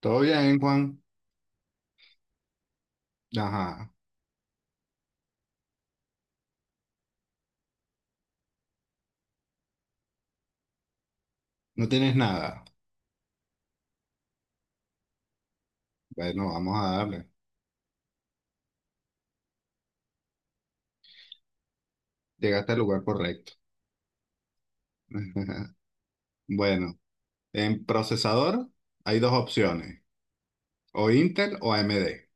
Todo bien, Juan. Ajá. No tienes nada. Bueno, vamos a darle. Llegaste al lugar correcto. Bueno, en procesador hay dos opciones, o Intel o AMD.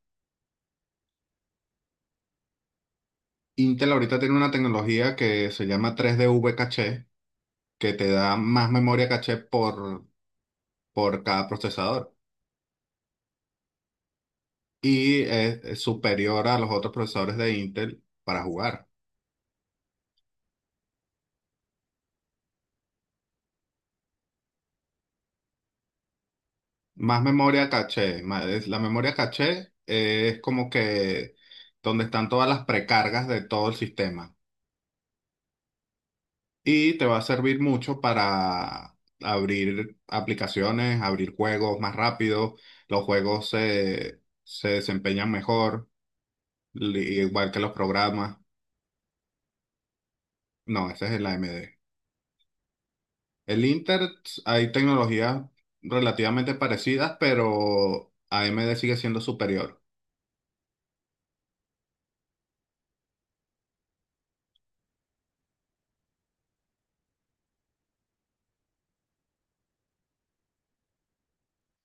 Intel ahorita tiene una tecnología que se llama 3 V caché, que te da más memoria caché por cada procesador y es superior a los otros procesadores de Intel para jugar. Más memoria caché. La memoria caché es como que donde están todas las precargas de todo el sistema y te va a servir mucho para abrir aplicaciones, abrir juegos más rápido. Los juegos se desempeñan mejor, igual que los programas. No, ese es el AMD. El Inter, hay tecnologías relativamente parecidas, pero AMD sigue siendo superior.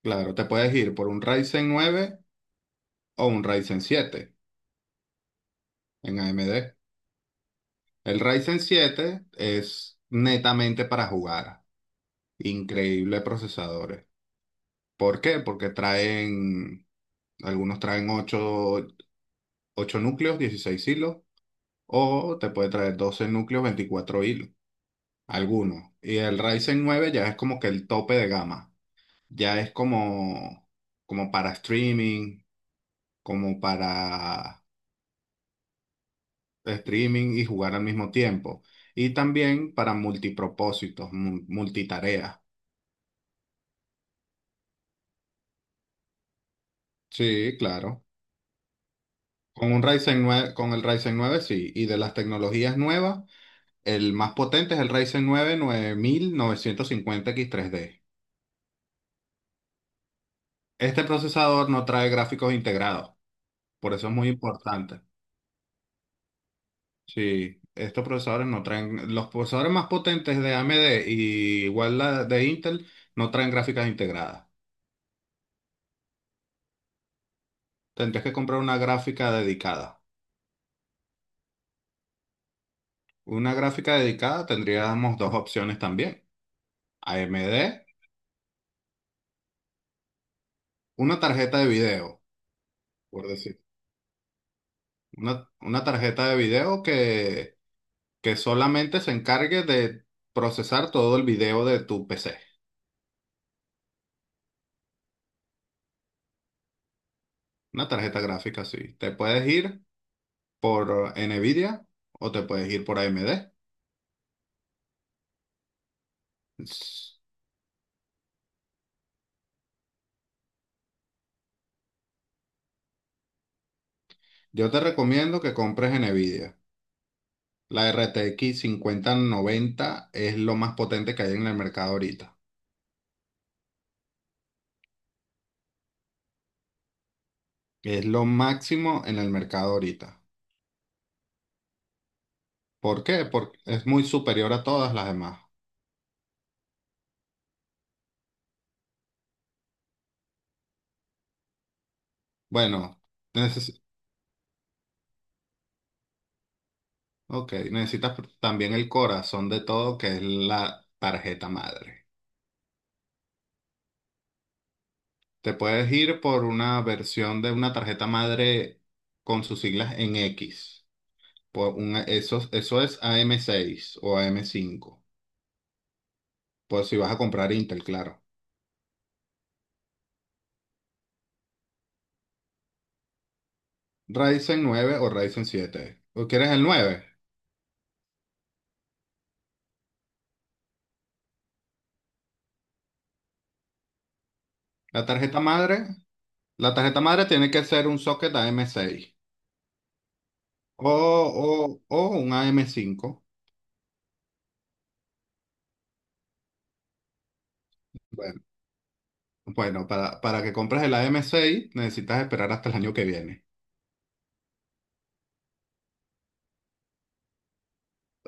Claro, te puedes ir por un Ryzen nueve o un Ryzen siete en AMD. El Ryzen siete es netamente para jugar. Increíble procesadores. ¿Por qué? Porque traen, algunos traen ocho núcleos, 16 hilos, o te puede traer 12 núcleos, 24 hilos, algunos. Y el Ryzen nueve ya es como que el tope de gama. Ya es como para streaming, como para streaming y jugar al mismo tiempo. Y también para multipropósitos, multitareas. Sí, claro. Con un Ryzen nueve, con el Ryzen nueve sí. Y de las tecnologías nuevas, el más potente es el Ryzen nueve 9950X3D. Este procesador no trae gráficos integrados, por eso es muy importante. Sí, estos procesadores no traen, los procesadores más potentes de AMD y igual la de Intel no traen gráficas integradas. Tendrías que comprar una gráfica dedicada. Una gráfica dedicada tendríamos dos opciones también. AMD, una tarjeta de video, por decir. Una tarjeta de video que solamente se encargue de procesar todo el video de tu PC. Una tarjeta gráfica, así. Te puedes ir por NVIDIA o te puedes ir por AMD. S- Yo te recomiendo que compres NVIDIA. La RTX 5090 es lo más potente que hay en el mercado ahorita. Es lo máximo en el mercado ahorita. ¿Por qué? Porque es muy superior a todas las demás. Bueno, neces- ok, necesitas también el corazón de todo, que es la tarjeta madre. Te puedes ir por una versión de una tarjeta madre con sus siglas en X. Por una, eso es a M seis o a M cinco. Pues si vas a comprar Intel, claro. Ryzen nueve o Ryzen siete. ¿O quieres el 9? La tarjeta madre, la tarjeta madre tiene que ser un socket a M seis. O, o un am cinco. Bueno, bueno, para que compres el am seis necesitas esperar hasta el año que viene.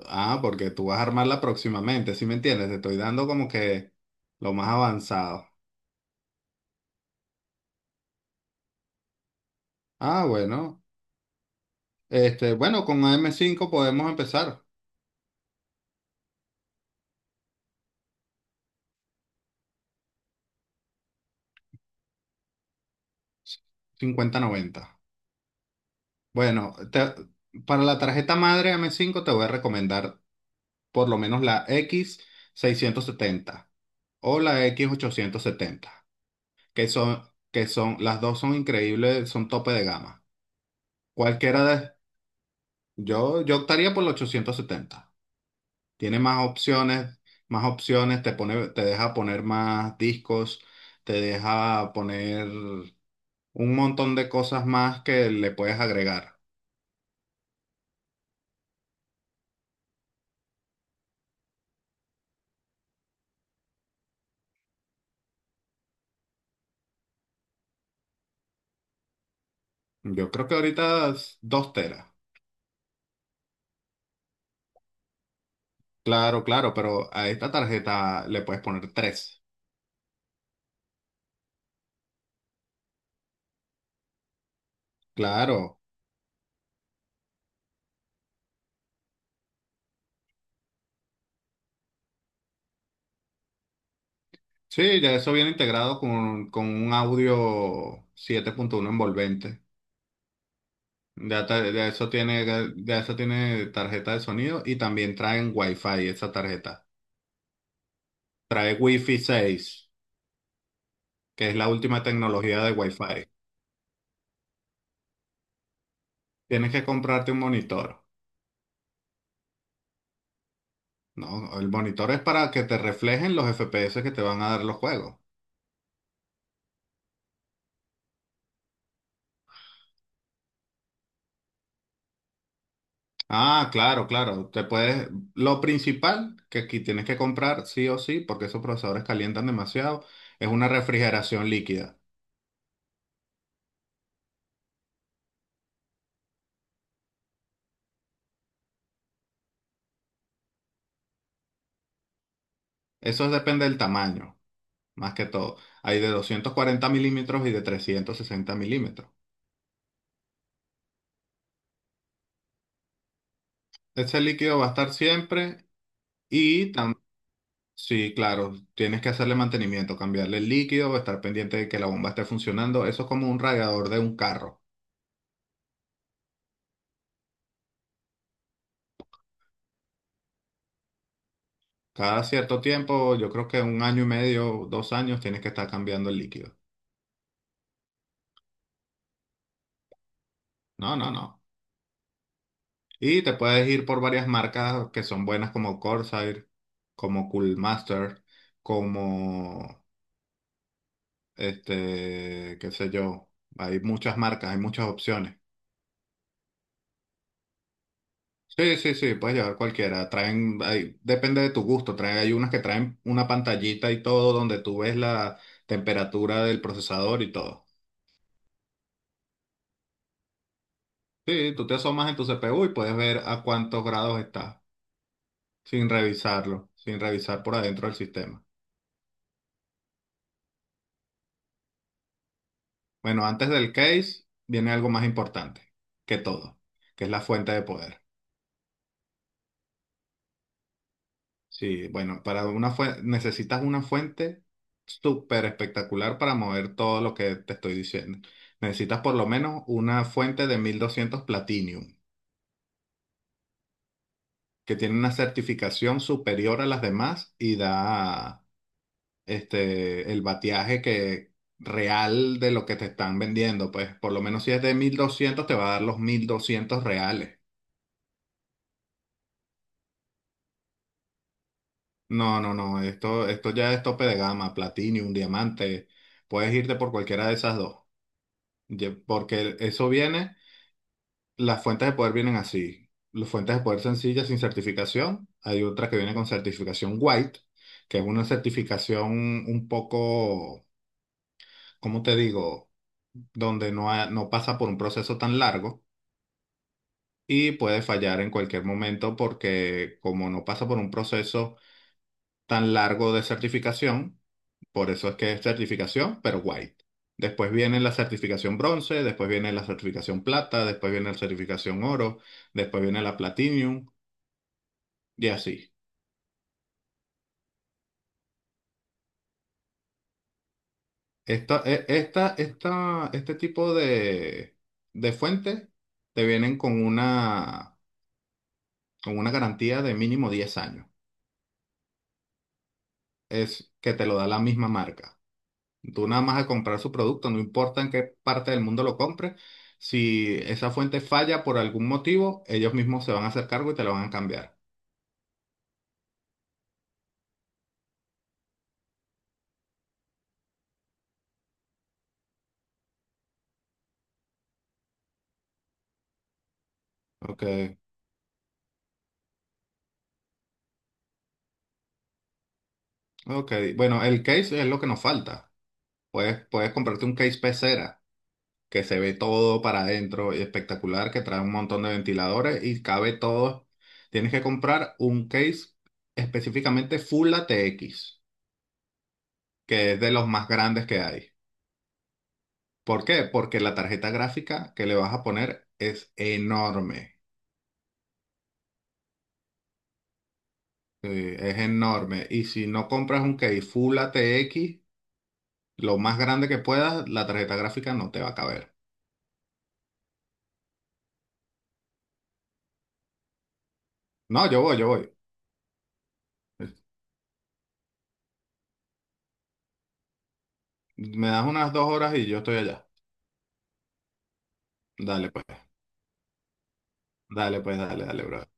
Ah, porque tú vas a armarla próximamente, ¿sí me entiendes? Te estoy dando como que lo más avanzado. Ah, bueno. Este, bueno, con am cinco podemos empezar. 5090. Bueno, para la tarjeta madre am cinco te voy a recomendar por lo menos la x 670 o la x 870 que son, que son, las dos son increíbles, son tope de gama. Cualquiera de, yo optaría por los 870. Tiene más opciones, te deja poner más discos, te deja poner un montón de cosas más que le puedes agregar. Yo creo que ahorita es 2 teras. Claro, claro, pero a esta tarjeta le puedes poner tres. Claro. Sí, ya eso viene integrado con un audio 7.1 envolvente. De eso tiene tarjeta de sonido y también traen Wi-Fi esa tarjeta. Trae Wi-Fi 6, que es la última tecnología de Wi-Fi. Tienes que comprarte un monitor, ¿no? El monitor es para que te reflejen los FPS que te van a dar los juegos. Ah, claro, claro. Lo principal que aquí tienes que comprar sí o sí, porque esos procesadores calientan demasiado, es una refrigeración líquida. Eso depende del tamaño, más que todo. Hay de 240 milímetros y de 360 milímetros. Ese líquido va a estar siempre y sí, claro, tienes que hacerle mantenimiento, cambiarle el líquido, estar pendiente de que la bomba esté funcionando. Eso es como un radiador de un carro. Cada cierto tiempo, yo creo que un año y medio, 2 años, tienes que estar cambiando el líquido. No, no, no. Y te puedes ir por varias marcas que son buenas como Corsair, como Coolmaster, como este, qué sé yo, hay muchas marcas, hay muchas opciones. Sí, sí, sí, puedes llevar cualquiera. Depende de tu gusto. Traen, hay unas que traen una pantallita y todo donde tú ves la temperatura del procesador y todo. Sí, tú te asomas en tu CPU y puedes ver a cuántos grados está sin revisarlo, sin revisar por adentro del sistema. Bueno, antes del case viene algo más importante que todo, que es la fuente de poder. Sí, bueno, para una fuente, necesitas una fuente súper espectacular para mover todo lo que te estoy diciendo. Necesitas por lo menos una fuente de 1200 Platinum, que tiene una certificación superior a las demás y da el bateaje real de lo que te están vendiendo. Pues por lo menos si es de 1200 te va a dar los 1200 reales. No, no, no, esto ya es tope de gama, Platinum, diamante. Puedes irte por cualquiera de esas dos. Porque eso viene, las fuentes de poder vienen así. Las fuentes de poder sencillas sin certificación. Hay otra que viene con certificación white, que es una certificación un poco, ¿cómo te digo? Donde no, no pasa por un proceso tan largo y puede fallar en cualquier momento porque como no pasa por un proceso tan largo de certificación. Por eso es que es certificación, pero white. Después viene la certificación bronce, después viene la certificación plata, después viene la certificación oro, después viene la platinum y así. Esta, e- esta, esta, este tipo de fuentes te vienen con una, garantía de mínimo 10 años. Es que te lo da la misma marca. Tú nada más a comprar su producto, no importa en qué parte del mundo lo compres, si esa fuente falla por algún motivo, ellos mismos se van a hacer cargo y te la van a cambiar. Ok, ok. Bueno, el case es lo que nos falta. Puedes comprarte un case pecera que se ve todo para adentro y espectacular, que trae un montón de ventiladores y cabe todo. Tienes que comprar un case específicamente Full ATX, que es de los más grandes que hay. ¿Por qué? Porque la tarjeta gráfica que le vas a poner es enorme. Sí, es enorme. Y si no compras un case Full ATX, lo más grande que puedas, la tarjeta gráfica no te va a caber. No, yo voy, yo voy. Me das unas 2 horas y yo estoy allá. Dale, pues, dale, pues, dale, dale, bro.